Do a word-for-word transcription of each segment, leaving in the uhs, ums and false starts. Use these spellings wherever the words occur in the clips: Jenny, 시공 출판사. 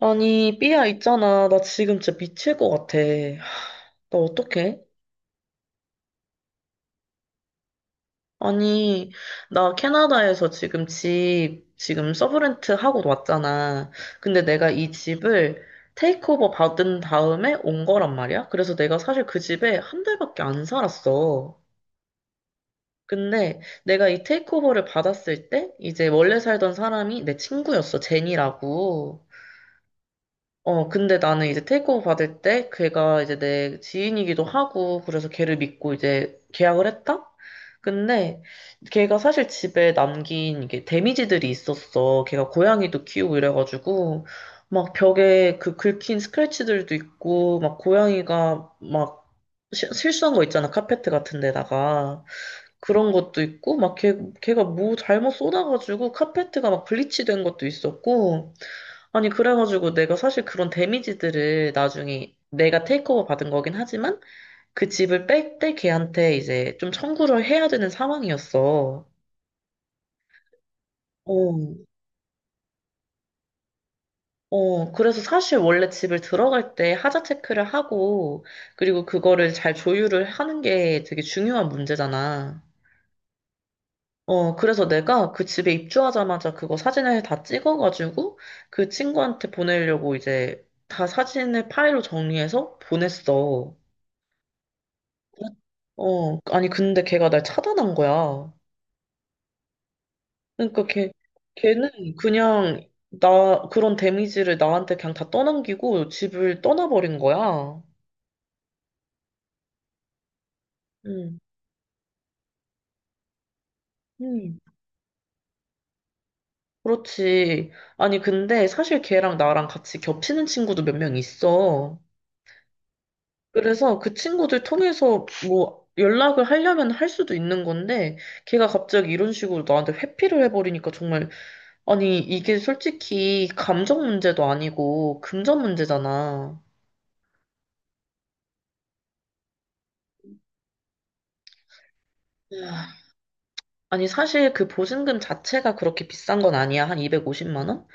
아니, 삐야 있잖아. 나 지금 진짜 미칠 것 같아. 하, 나 어떡해? 아니, 나 캐나다에서 지금 집, 지금 서브렌트 하고 왔잖아. 근데 내가 이 집을 테이크오버 받은 다음에 온 거란 말이야. 그래서 내가 사실 그 집에 한 달밖에 안 살았어. 근데 내가 이 테이크오버를 받았을 때, 이제 원래 살던 사람이 내 친구였어. 제니라고. 어, 근데 나는 이제 테이크오버 받을 때 걔가 이제 내 지인이기도 하고 그래서 걔를 믿고 이제 계약을 했다? 근데 걔가 사실 집에 남긴 이게 데미지들이 있었어. 걔가 고양이도 키우고 이래가지고 막 벽에 그 긁힌 스크래치들도 있고 막 고양이가 막 시- 실수한 거 있잖아. 카페트 같은 데다가. 그런 것도 있고 막 걔, 걔가 뭐 잘못 쏟아가지고 카페트가 막 블리치 된 것도 있었고, 아니, 그래가지고 내가 사실 그런 데미지들을 나중에 내가 테이크오버 받은 거긴 하지만 그 집을 뺄 때 걔한테 이제 좀 청구를 해야 되는 상황이었어. 어, 어, 그래서 사실 원래 집을 들어갈 때 하자 체크를 하고, 그리고 그거를 잘 조율을 하는 게 되게 중요한 문제잖아. 어, 그래서 내가 그 집에 입주하자마자 그거 사진을 다 찍어가지고 그 친구한테 보내려고 이제 다 사진을 파일로 정리해서 보냈어. 어, 아니, 근데 걔가 날 차단한 거야. 그러니까 걔, 걔는 그냥 나, 그런 데미지를 나한테 그냥 다 떠넘기고 집을 떠나버린 거야. 응, 응, 그렇지. 아니, 근데 사실 걔랑 나랑 같이 겹치는 친구도 몇 명 있어. 그래서 그 친구들 통해서 뭐 연락을 하려면 할 수도 있는 건데, 걔가 갑자기 이런 식으로 나한테 회피를 해버리니까 정말, 아니, 이게 솔직히 감정 문제도 아니고 금전 문제잖아. 아, 니 사실 그 보증금 자체가 그렇게 비싼 건 아니야. 한 이백오십만 원?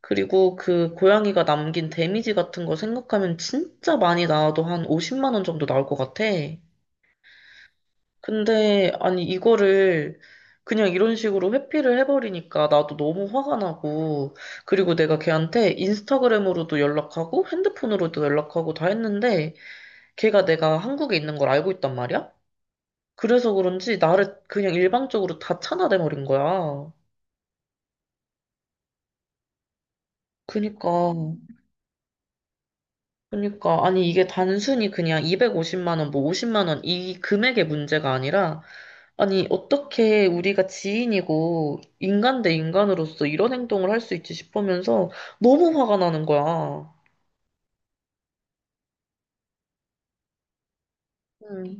그리고 그 고양이가 남긴 데미지 같은 거 생각하면 진짜 많이 나와도 한 오십만 원 정도 나올 것 같아. 근데, 아니, 이거를 그냥 이런 식으로 회피를 해버리니까 나도 너무 화가 나고, 그리고 내가 걔한테 인스타그램으로도 연락하고, 핸드폰으로도 연락하고 다 했는데, 걔가 내가 한국에 있는 걸 알고 있단 말이야? 그래서 그런지 나를 그냥 일방적으로 다 차단해버린 거야. 그니까, 그니까. 아니, 이게 단순히 그냥 이백오십만 원, 뭐 오십만 원, 이 금액의 문제가 아니라, 아니, 어떻게 우리가 지인이고, 인간 대 인간으로서 이런 행동을 할 수 있지 싶으면서 너무 화가 나는 거야. 응,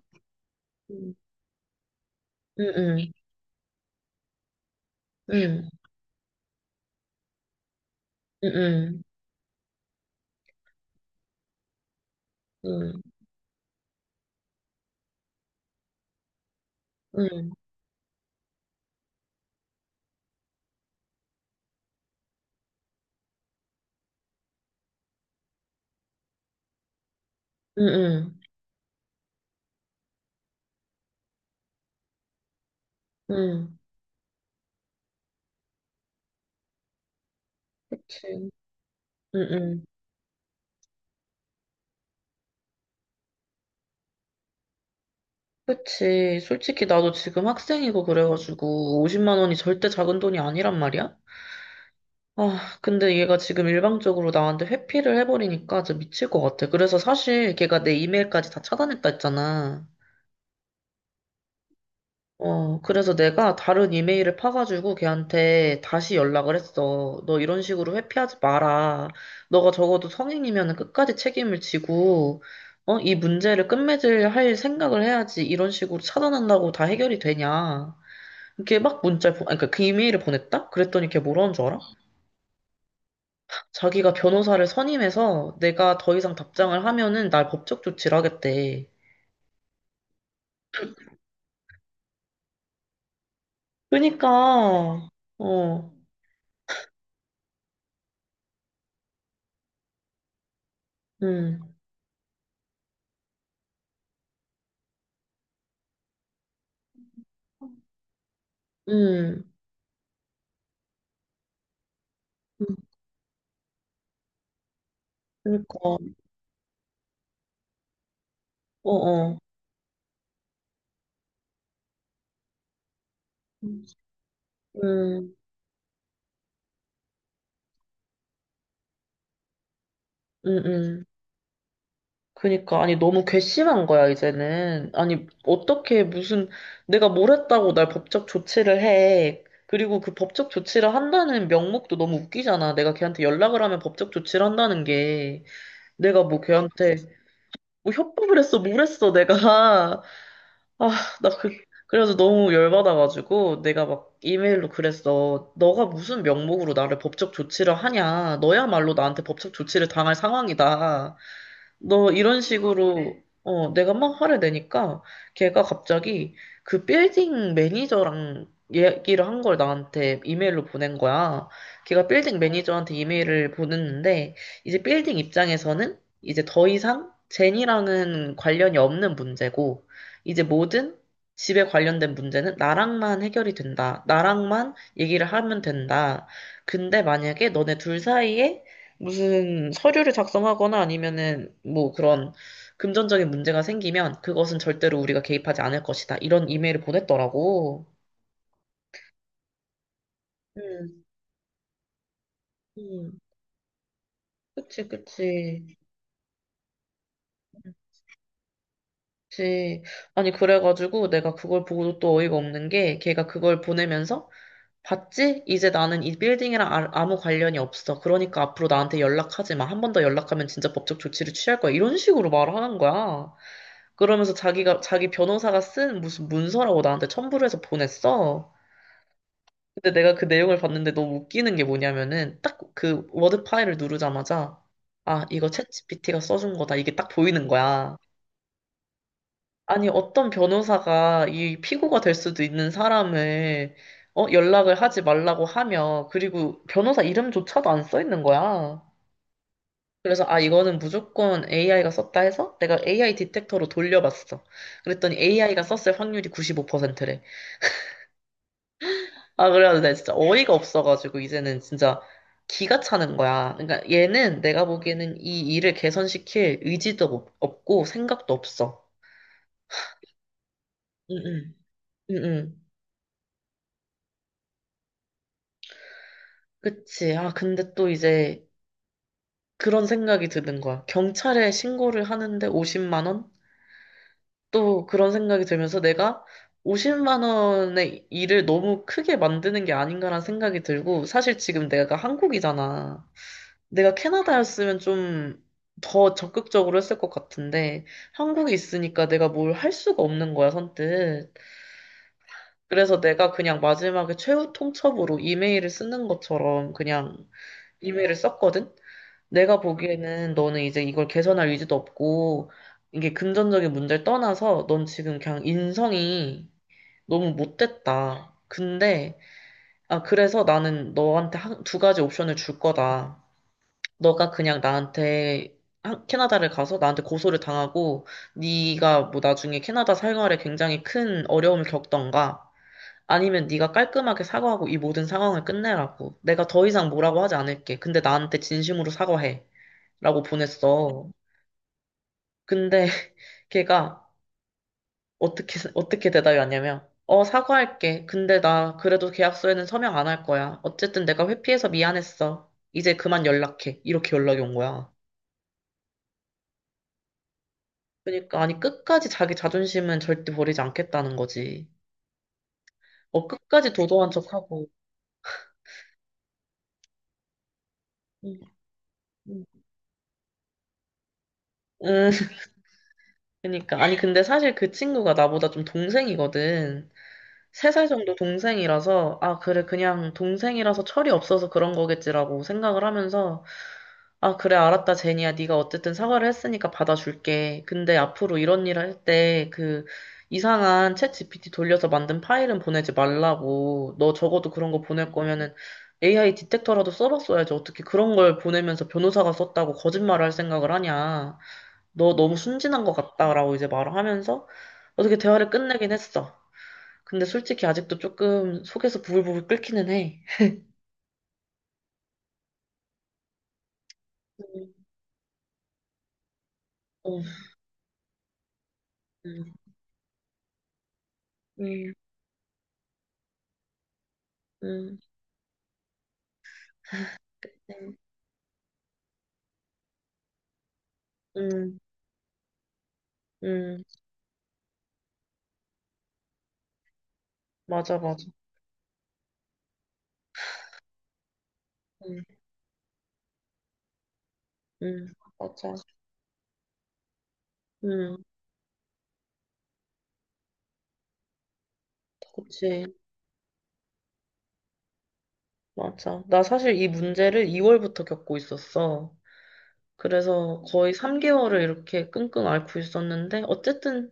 응, 응, 응, 응, 응, 응, 응, 응, 그치, 응, 응, 그치. 솔직히 나도 지금 학생이고 그래가지고 오십만 원이 절대 작은 돈이 아니란 말이야? 아, 근데 얘가 지금 일방적으로 나한테 회피를 해버리니까 진짜 미칠 것 같아. 그래서 사실 걔가 내 이메일까지 다 차단했다 했잖아. 어, 그래서 내가 다른 이메일을 파가지고 걔한테 다시 연락을 했어. 너 이런 식으로 회피하지 마라. 너가 적어도 성인이면 끝까지 책임을 지고, 어, 이 문제를 끝맺을 할 생각을 해야지. 이런 식으로 차단한다고 다 해결이 되냐. 이렇게 막 문자를, 보, 아니, 그러니까 그 이메일을 보냈다? 그랬더니 걔 뭐라는 줄 알아? 자기가 변호사를 선임해서 내가 더 이상 답장을 하면은 날 법적 조치를 하겠대. 그니까, 어, 음, 음, 음, 그니까, 어, 어, 음, 음, 음. 그니까, 아니, 너무 괘씸한 거야, 이제는. 아니, 어떻게 무슨, 내가 뭘 했다고 날 법적 조치를 해. 그리고 그 법적 조치를 한다는 명목도 너무 웃기잖아. 내가 걔한테 연락을 하면 법적 조치를 한다는 게. 내가 뭐 걔한테 뭐 협박을 했어, 뭘 했어, 내가. 아, 나 그, 그래서 너무 열받아가지고 내가 막 이메일로 그랬어. 너가 무슨 명목으로 나를 법적 조치를 하냐. 너야말로 나한테 법적 조치를 당할 상황이다. 너 이런 식으로 네. 어, 내가 막 화를 내니까 걔가 갑자기 그 빌딩 매니저랑 얘기를 한 걸 나한테 이메일로 보낸 거야. 걔가 빌딩 매니저한테 이메일을 보냈는데 이제 빌딩 입장에서는 이제 더 이상 제니랑은 관련이 없는 문제고, 이제 모든 집에 관련된 문제는 나랑만 해결이 된다. 나랑만 얘기를 하면 된다. 근데 만약에 너네 둘 사이에 무슨 서류를 작성하거나 아니면은 뭐 그런 금전적인 문제가 생기면 그것은 절대로 우리가 개입하지 않을 것이다. 이런 이메일을 보냈더라고. 음, 음. 그치, 그치. 그치. 아니, 그래가지고 내가 그걸 보고 또 어이가 없는 게 걔가 그걸 보내면서 봤지? 이제 나는 이 빌딩이랑 아- 아무 관련이 없어. 그러니까 앞으로 나한테 연락하지 마. 한 번 더 연락하면 진짜 법적 조치를 취할 거야. 이런 식으로 말을 하는 거야. 그러면서 자기가, 자기 변호사가 쓴 무슨 문서라고 나한테 첨부를 해서 보냈어. 근데 내가 그 내용을 봤는데 너무 웃기는 게 뭐냐면은 딱 그 워드 파일을 누르자마자, 아, 이거 챗지피티가 써준 거다. 이게 딱 보이는 거야. 아니, 어떤 변호사가 이 피고가 될 수도 있는 사람을, 어, 연락을 하지 말라고 하며, 그리고 변호사 이름조차도 안 써 있는 거야. 그래서 아, 이거는 무조건 에이아이가 썼다 해서 내가 에이아이 디텍터로 돌려봤어. 그랬더니 에이아이가 썼을 확률이 구십오 퍼센트래. 아, 그래가지고 내가 진짜 어이가 없어가지고 이제는 진짜 기가 차는 거야. 그러니까 얘는 내가 보기에는 이 일을 개선시킬 의지도 없- 없고 생각도 없어. 응응. 응응. 그치. 아, 근데 또 이제 그런 생각이 드는 거야. 경찰에 신고를 하는데 오십만 원? 또 그런 생각이 들면서 내가 오십만 원의 일을 너무 크게 만드는 게 아닌가라는 생각이 들고, 사실 지금 내가 한국이잖아. 내가 캐나다였으면 좀 더 적극적으로 했을 것 같은데, 한국에 있으니까 내가 뭘 할 수가 없는 거야, 선뜻. 그래서 내가 그냥 마지막에 최후 통첩으로 이메일을 쓰는 것처럼 그냥 이메일을 썼거든? 내가 보기에는 너는 이제 이걸 개선할 의지도 없고, 이게 금전적인 문제를 떠나서 넌 지금 그냥 인성이 너무 못됐다. 근데, 아, 그래서 나는 너한테 한, 두 가지 옵션을 줄 거다. 너가 그냥 나한테 한- 캐나다를 가서 나한테 고소를 당하고 네가 뭐 나중에 캐나다 생활에 굉장히 큰 어려움을 겪던가, 아니면 네가 깔끔하게 사과하고 이 모든 상황을 끝내라고, 내가 더 이상 뭐라고 하지 않을게, 근데 나한테 진심으로 사과해, 라고 보냈어. 근데 걔가 어떻게 어떻게 대답이 왔냐면, 어, 사과할게, 근데 나 그래도 계약서에는 서명 안 할 거야, 어쨌든 내가 회피해서 미안했어, 이제 그만 연락해, 이렇게 연락이 온 거야. 그러니까 아니 끝까지 자기 자존심은 절대 버리지 않겠다는 거지. 어 끝까지 도도한 척하고. 응, 응. 응, 그러니까 아니 근데 사실 그 친구가 나보다 좀 동생이거든. 세 살 정도 동생이라서, 아 그래 그냥 동생이라서 철이 없어서 그런 거겠지라고 생각을 하면서, 아, 그래, 알았다, 제니야. 네가 어쨌든 사과를 했으니까 받아줄게. 근데 앞으로 이런 일을 할 때 그 이상한 챗 지피티 돌려서 만든 파일은 보내지 말라고. 너 적어도 그런 거 보낼 거면은 에이아이 디텍터라도 써봤어야지. 어떻게 그런 걸 보내면서 변호사가 썼다고 거짓말을 할 생각을 하냐. 너 너무 순진한 것 같다라고 이제 말을 하면서 어떻게 대화를 끝내긴 했어. 근데 솔직히 아직도 조금 속에서 부글부글 끓기는 해. 음, 음, 음, 음, 음, 음, 음. 맞아, 맞아. 응, 응, 맞아. 응, 그치. 맞아. 나 사실 이 문제를 이 월부터 겪고 있었어. 그래서 거의 삼 개월을 이렇게 끙끙 앓고 있었는데, 어쨌든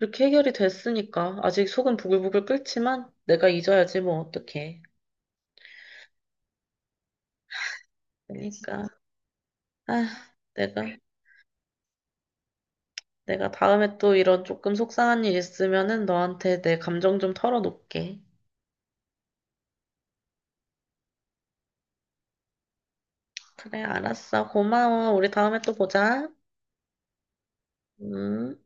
이렇게 해결이 됐으니까. 아직 속은 부글부글 끓지만, 내가 잊어야지, 뭐, 어떡해. 그러니까. 아, 내가, 내가 다음에 또 이런 조금 속상한 일 있으면은 너한테 내 감정 좀 털어놓을게. 그래, 알았어. 고마워. 우리 다음에 또 보자. 음.